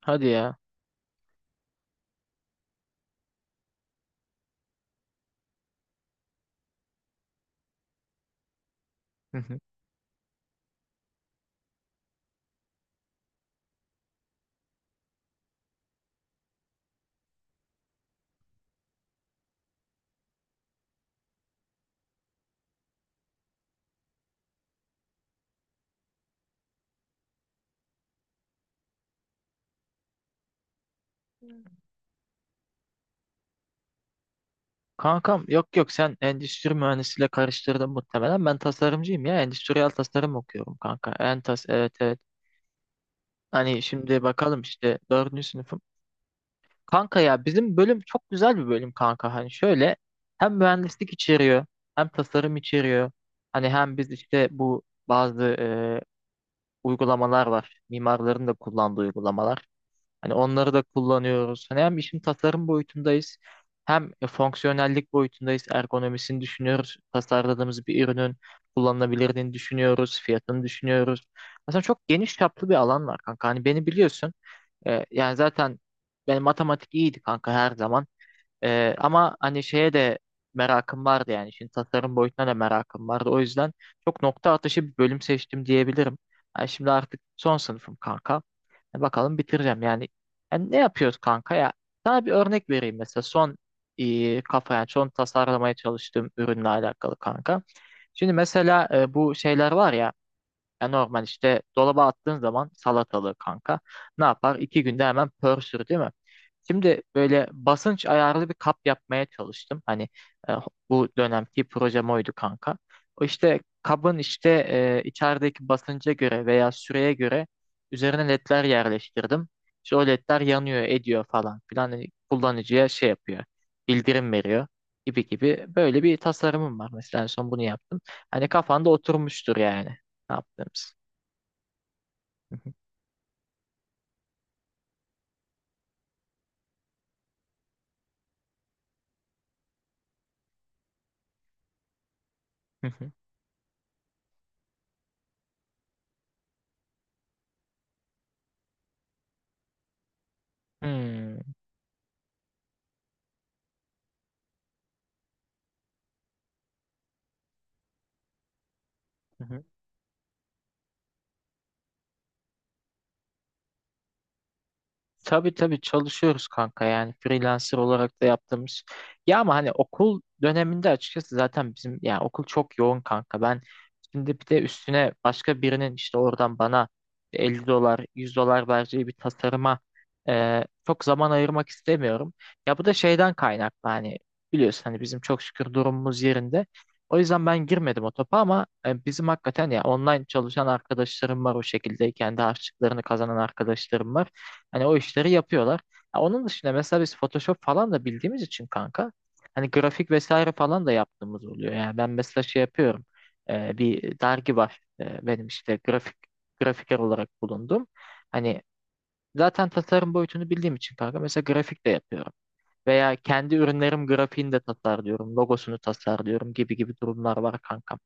Hadi ya. Hı hı. Kankam, yok yok, sen endüstri mühendisiyle karıştırdın muhtemelen. Ben tasarımcıyım ya. Endüstriyel tasarım okuyorum kanka. Entas, evet evet. Hani şimdi bakalım, işte dördüncü sınıfım. Kanka ya, bizim bölüm çok güzel bir bölüm kanka. Hani şöyle, hem mühendislik içeriyor, hem tasarım içeriyor. Hani hem biz işte bu bazı uygulamalar var. Mimarların da kullandığı uygulamalar. Hani onları da kullanıyoruz. Hani hem işin tasarım boyutundayız, hem fonksiyonellik boyutundayız. Ergonomisini düşünüyoruz. Tasarladığımız bir ürünün kullanılabilirliğini düşünüyoruz. Fiyatını düşünüyoruz. Aslında çok geniş çaplı bir alan var kanka. Hani beni biliyorsun. Yani zaten benim matematik iyiydi kanka her zaman. Ama hani şeye de merakım vardı yani. Şimdi tasarım boyutuna da merakım vardı. O yüzden çok nokta atışı bir bölüm seçtim diyebilirim. Yani şimdi artık son sınıfım kanka. Bakalım bitireceğim yani. Yani ne yapıyoruz kanka ya? Sana bir örnek vereyim, mesela son kafa, yani son tasarlamaya çalıştığım ürünle alakalı kanka. Şimdi mesela bu şeyler var ya, ya normal işte dolaba attığın zaman salatalığı kanka ne yapar? İki günde hemen pörsür değil mi? Şimdi böyle basınç ayarlı bir kap yapmaya çalıştım. Hani e, bu dönemki projem oydu kanka. O işte kabın, işte içerideki basınca göre veya süreye göre üzerine ledler yerleştirdim. İşte o ledler yanıyor, ediyor falan filan. Hani kullanıcıya şey yapıyor, bildirim veriyor gibi gibi. Böyle bir tasarımım var mesela, en son bunu yaptım. Hani kafanda oturmuştur yani. Ne yaptığımız. Hmm. Hı hı. Tabii tabii, çalışıyoruz kanka, yani freelancer olarak da yaptığımız. Ya ama hani okul döneminde açıkçası zaten bizim, yani okul çok yoğun kanka. Ben şimdi bir de üstüne başka birinin işte oradan bana 50 dolar 100 dolar vereceği bir tasarıma çok zaman ayırmak istemiyorum. Ya bu da şeyden kaynaklı, hani biliyorsun hani bizim çok şükür durumumuz yerinde. O yüzden ben girmedim o topa, ama e, bizim hakikaten ya online çalışan arkadaşlarım var, o şekilde kendi harçlıklarını kazanan arkadaşlarım var. Hani o işleri yapıyorlar. Ya onun dışında mesela biz Photoshop falan da bildiğimiz için kanka. Hani grafik vesaire falan da yaptığımız oluyor. Yani ben mesela şey yapıyorum. Bir dergi var. Benim işte grafiker olarak bulundum. Hani zaten tasarım boyutunu bildiğim için kanka, mesela grafik de yapıyorum. Veya kendi ürünlerim grafiğini de tasarlıyorum. Logosunu tasarlıyorum, gibi gibi durumlar var kanka.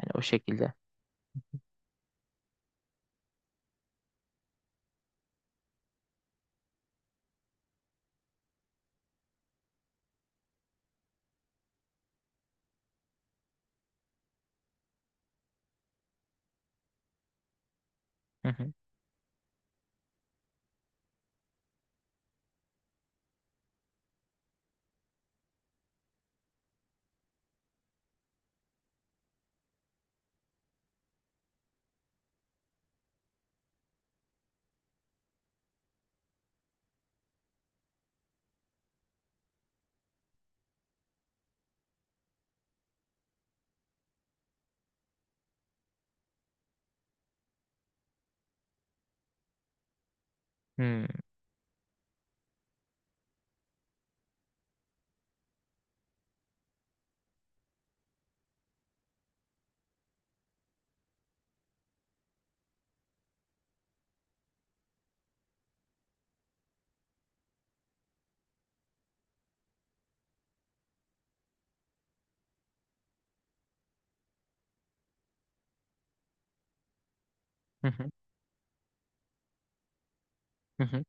Hani o şekilde. Hı hı. Hmm. Hı hı. Hı hı.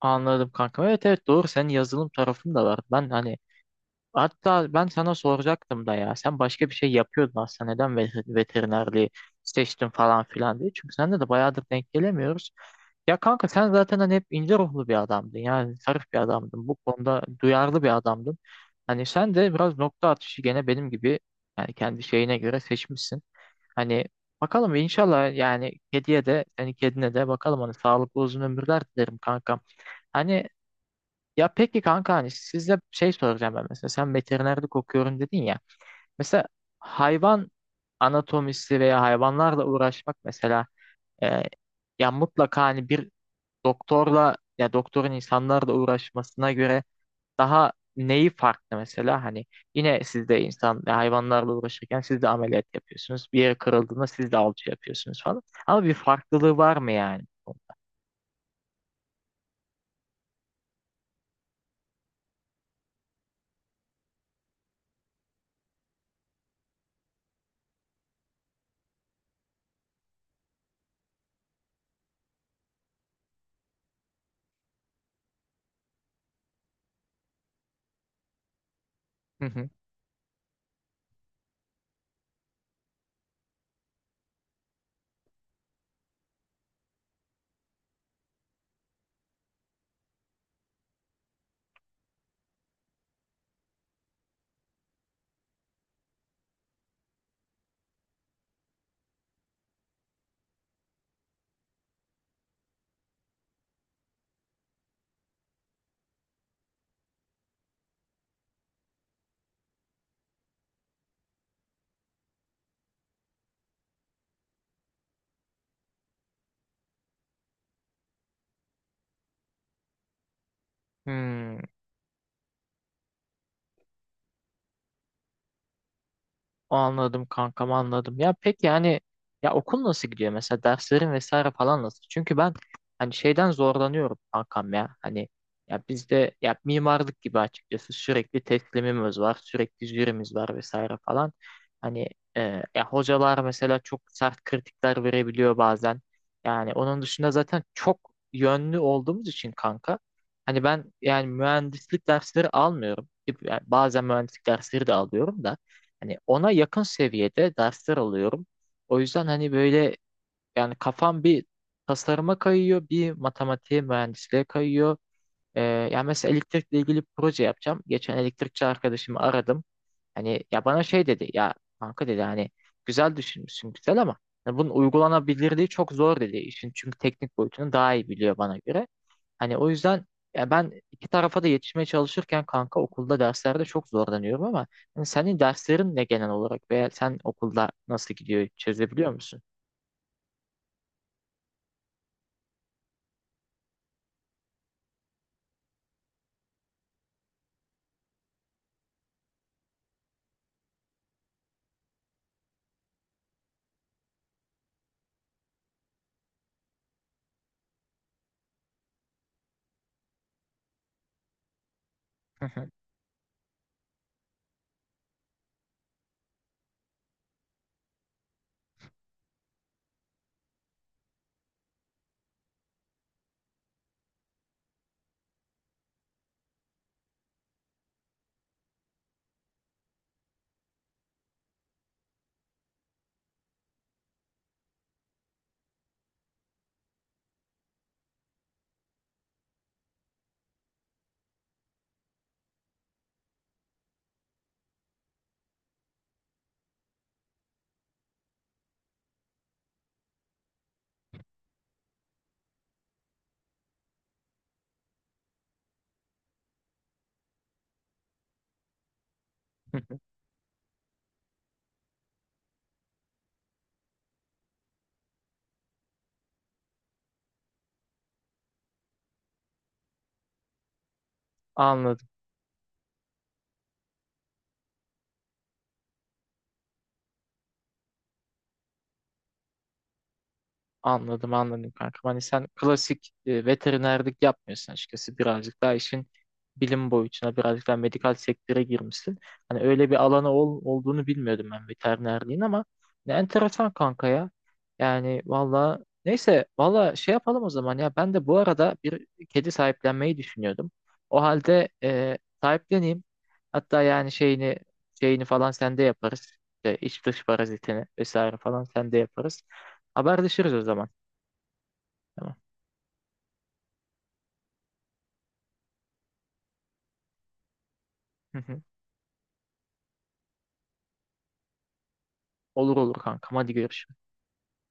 Anladım kanka. Evet evet, doğru. Senin yazılım tarafın da var. Ben hani, hatta ben sana soracaktım da ya. Sen başka bir şey yapıyordun aslında. Neden veterinerliği seçtin falan filan diye. Çünkü seninle de bayağıdır denk gelemiyoruz. Ya kanka, sen zaten hani hep ince ruhlu bir adamdın. Yani zarif bir adamdın. Bu konuda duyarlı bir adamdın. Hani sen de biraz nokta atışı gene benim gibi yani kendi şeyine göre seçmişsin. Hani bakalım inşallah, yani kediye de, senin kedine de bakalım, hani sağlıklı uzun ömürler dilerim kankam. Hani, ya peki kanka, hani sizde şey soracağım ben, mesela sen veterinerlik okuyorum dedin ya. Mesela hayvan anatomisi veya hayvanlarla uğraşmak mesela e, ya mutlaka hani bir doktorla, ya doktorun insanlarla uğraşmasına göre daha neyi farklı, mesela hani yine siz de insan ve hayvanlarla uğraşırken siz de ameliyat yapıyorsunuz. Bir yere kırıldığında siz de alçı yapıyorsunuz falan. Ama bir farklılığı var mı yani? Hı hı. Hmm. Anladım kankam, anladım. Ya peki yani, ya okul nasıl gidiyor, mesela derslerin vesaire falan nasıl? Çünkü ben hani şeyden zorlanıyorum kankam ya. Hani ya bizde, ya mimarlık gibi, açıkçası sürekli teslimimiz var, sürekli jürimiz var vesaire falan. Hani e, ya hocalar mesela çok sert kritikler verebiliyor bazen. Yani onun dışında zaten çok yönlü olduğumuz için kanka. Hani ben yani mühendislik dersleri almıyorum. Yani bazen mühendislik dersleri de alıyorum da. Hani ona yakın seviyede dersler alıyorum. O yüzden hani böyle, yani kafam bir tasarıma kayıyor, bir matematiğe, mühendisliğe kayıyor. Yani mesela elektrikle ilgili bir proje yapacağım. Geçen elektrikçi arkadaşımı aradım. Hani ya bana şey dedi ya, kanka dedi hani, güzel düşünmüşsün güzel, ama hani bunun uygulanabilirliği çok zor dedi işin, çünkü teknik boyutunu daha iyi biliyor bana göre. Hani o yüzden, ya ben iki tarafa da yetişmeye çalışırken kanka okulda derslerde çok zorlanıyorum, ama hani senin derslerin ne genel olarak, veya sen okulda nasıl gidiyor, çözebiliyor musun? Anladım. Anladım anladım kankam. Hani sen klasik veterinerlik yapmıyorsun açıkçası. Birazcık daha işin bilim boyutuna, birazcık daha medikal sektöre girmişsin. Hani öyle bir alanı olduğunu bilmiyordum ben veterinerliğin, ama ne enteresan kanka ya. Yani valla, neyse, valla şey yapalım o zaman ya. Ben de bu arada bir kedi sahiplenmeyi düşünüyordum. O halde sahipleneyim. Hatta yani şeyini, şeyini falan sende yaparız. İşte iç dış parazitini vesaire falan sende yaparız. Haberleşiriz o zaman. Tamam. Hı hı. Olur olur kankam. Hadi görüşürüz.